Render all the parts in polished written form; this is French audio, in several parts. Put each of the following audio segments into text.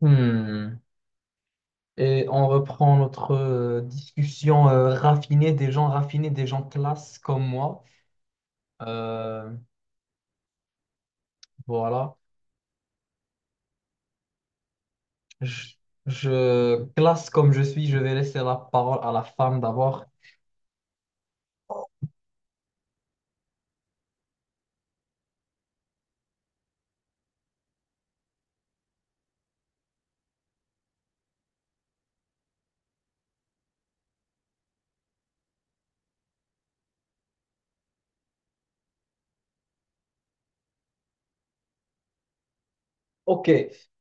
Hmm. Et on reprend notre discussion raffinée, des gens raffinés, des gens classe comme moi. Euh, voilà. Je, Classe comme je suis, je vais laisser la parole à la femme d'abord. Ok.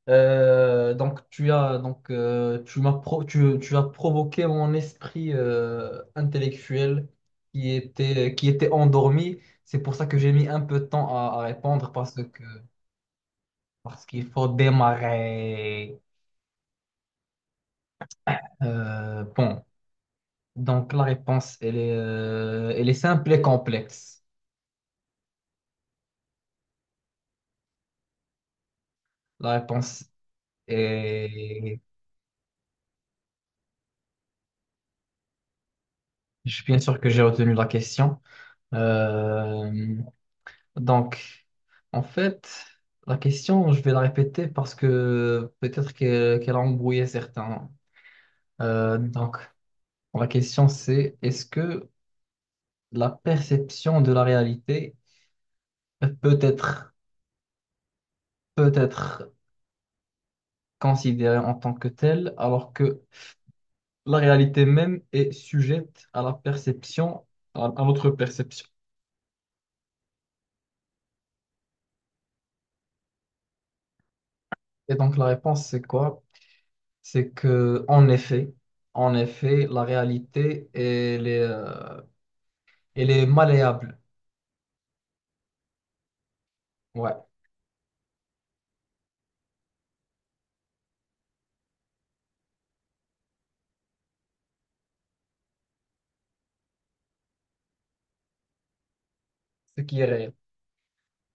Donc tu as tu as provoqué mon esprit intellectuel qui était endormi. C'est pour ça que j'ai mis un peu de temps à répondre parce que parce qu'il faut démarrer. Euh, bon, donc la réponse, elle est simple et complexe. La réponse est. Je suis bien sûr que j'ai retenu la question. Euh, donc, en fait, la question, je vais la répéter parce que peut-être qu'elle a embrouillé certains. Euh, donc, la question, c'est est-ce que la perception de la réalité peut être, peut être considérée en tant que telle alors que la réalité même est sujette à la perception, à notre perception. Et donc la réponse, c'est quoi? C'est que, en effet, la réalité, elle est malléable. Ouais, ce qui est réel.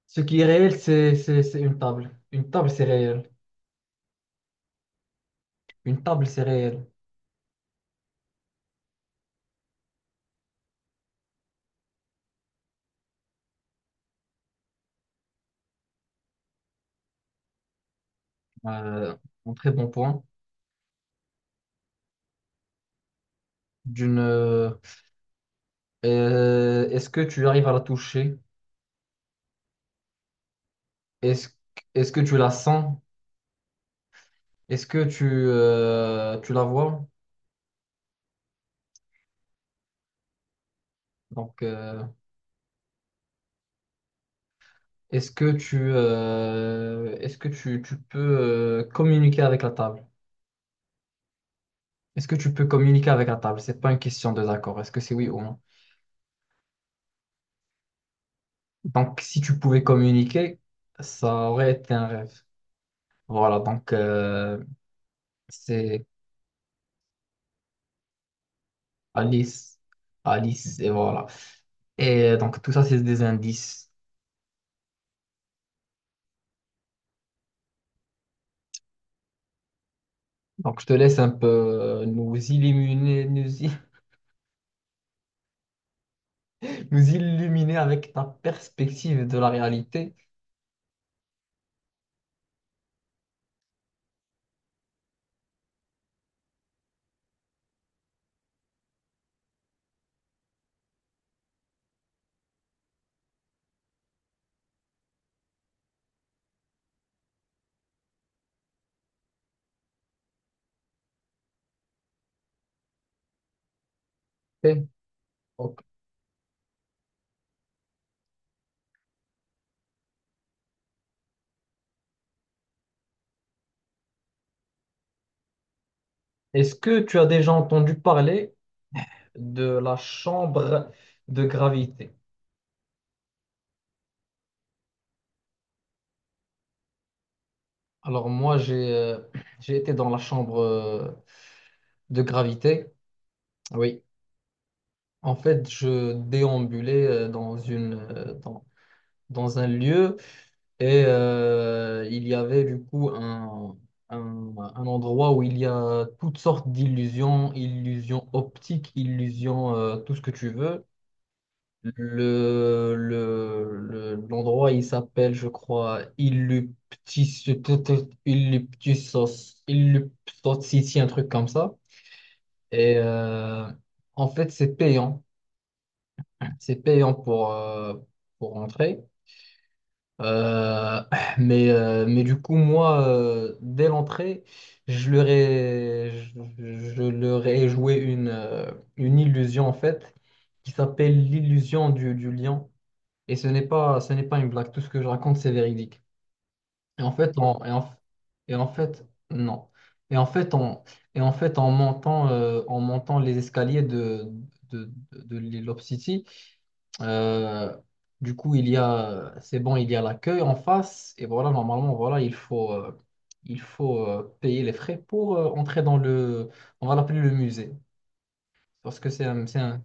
Ce qui est réel, c'est une table. Une table, c'est réel. Une table, c'est réel. Euh, un très bon point. D'une, euh, Est-ce que tu arrives à la toucher? Est-ce, Est-ce que tu la sens? Est-ce que tu la vois? Donc, euh, Est-ce que est-ce que tu peux communiquer avec la table? Est-ce que tu peux communiquer avec la table? C'est pas une question de d'accord. Est-ce que c'est oui ou non? Donc, si tu pouvais communiquer, ça aurait été un rêve. Voilà, donc c'est Alice, Alice, et voilà. Et donc, tout ça, c'est des indices. Donc, je te laisse un peu nous illuminer, nous illuminer avec ta perspective de la réalité. Ok. Donc, est-ce que tu as déjà entendu parler de la chambre de gravité? Alors moi, j'ai été dans la chambre de gravité. Oui, en fait, je déambulais dans dans un lieu et il y avait du coup un endroit où il y a toutes sortes d'illusions, illusions optiques, illusions, tout ce que tu veux. L'endroit, il s'appelle, je crois, Illuptis, Illuptisos, Illuptos, un truc comme ça. Et en fait, c'est payant. C'est payant pour entrer. Euh, mais, mais du coup, moi, dès l'entrée, je leur ai, je leur ai joué une illusion, en fait, qui s'appelle l'illusion du lion. Et ce n'est pas une blague. Tout ce que je raconte, c'est véridique. Et en fait, on, et en fait, Non. Et en fait, on, et en fait, En montant, en montant les escaliers de l'île of City, euh, du coup, il y a, c'est bon, il y a l'accueil en face. Et voilà, normalement, voilà, il faut payer les frais pour entrer dans le, on va l'appeler le musée, parce que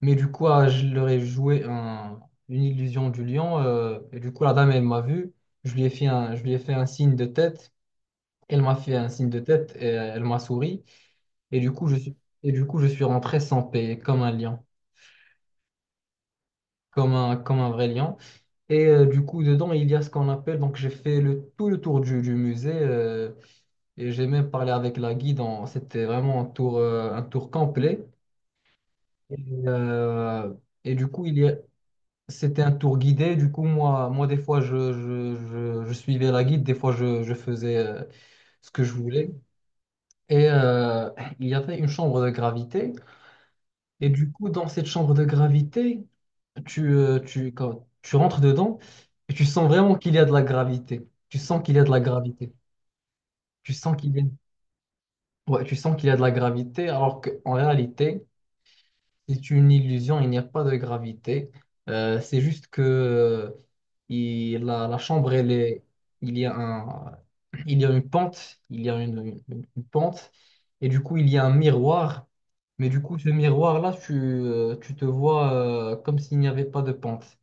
mais du coup, ah, je leur ai joué un- une illusion du lion. Et du coup, la dame, elle m'a vu. Je lui ai fait un signe de tête. Elle m'a fait un signe de tête et elle m'a souri. Et du coup, je suis, et du coup, je suis rentré sans paix, comme un lion, comme un vrai lion. Et du coup, dedans, il y a ce qu'on appelle. Donc, j'ai fait le, tout le tour du musée. Et j'ai même parlé avec la guide. C'était vraiment un tour complet. Et, euh, et du coup, il y a, C'était un tour guidé, du coup, moi des fois, je suivais la guide, des fois, je faisais ce que je voulais. Et il y avait une chambre de gravité. Et du coup, dans cette chambre de gravité, quand tu rentres dedans et tu sens vraiment qu'il y a de la gravité. Tu sens qu'il y a de la gravité. Tu sens qu'il y a, Ouais, tu sens qu'il y a de la gravité, alors qu'en réalité, c'est une illusion, il n'y a pas de gravité. C'est juste que la chambre, elle est, il y a un, il y a une pente, il y a une pente, et du coup, il y a un miroir. Mais du coup, ce miroir-là, tu te vois comme s'il n'y avait pas de pente.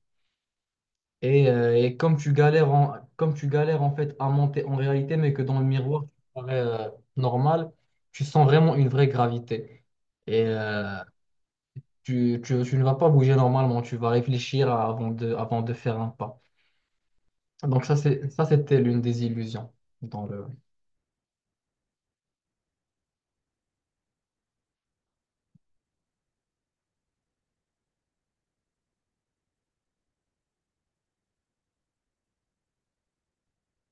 Et comme tu galères en fait à monter en réalité, mais que dans le miroir, tu parais normal, tu sens vraiment une vraie gravité. Et, tu ne vas pas bouger normalement, tu vas avant de faire un pas. Donc ça, c'était l'une des illusions dans le...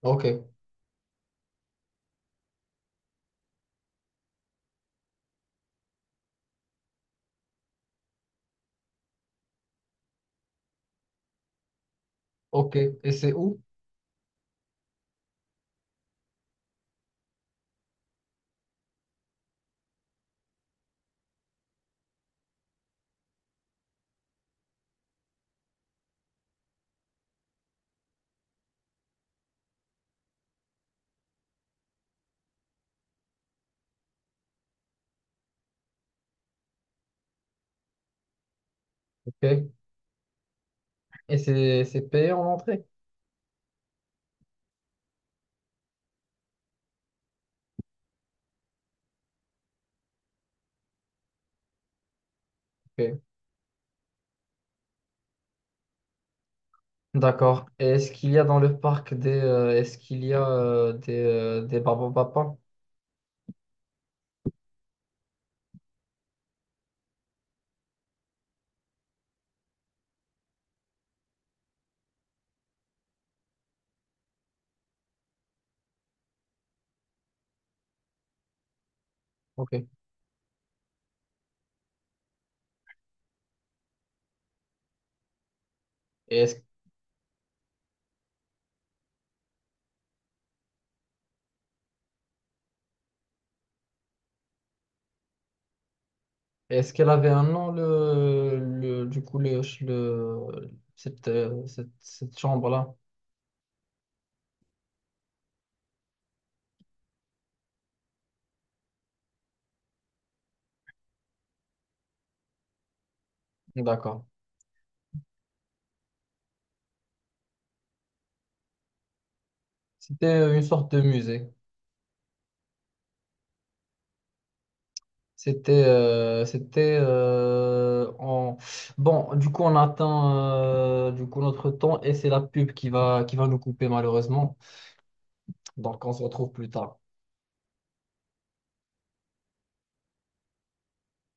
Ok, ok. Et c'est où? Ok. Et c'est payé en entrée? Ok. D'accord. Et est-ce qu'il y a dans le parc des... est-ce qu'il y a des babapapas? Ok. Et est-ce, est-ce qu'elle avait un nom, le, du coup, le, cette, cette, cette chambre-là? D'accord. C'était une sorte de musée. C'était, c'était en... Bon, du coup, on attend notre temps et c'est la pub qui va nous couper malheureusement. Donc, on se retrouve plus tard.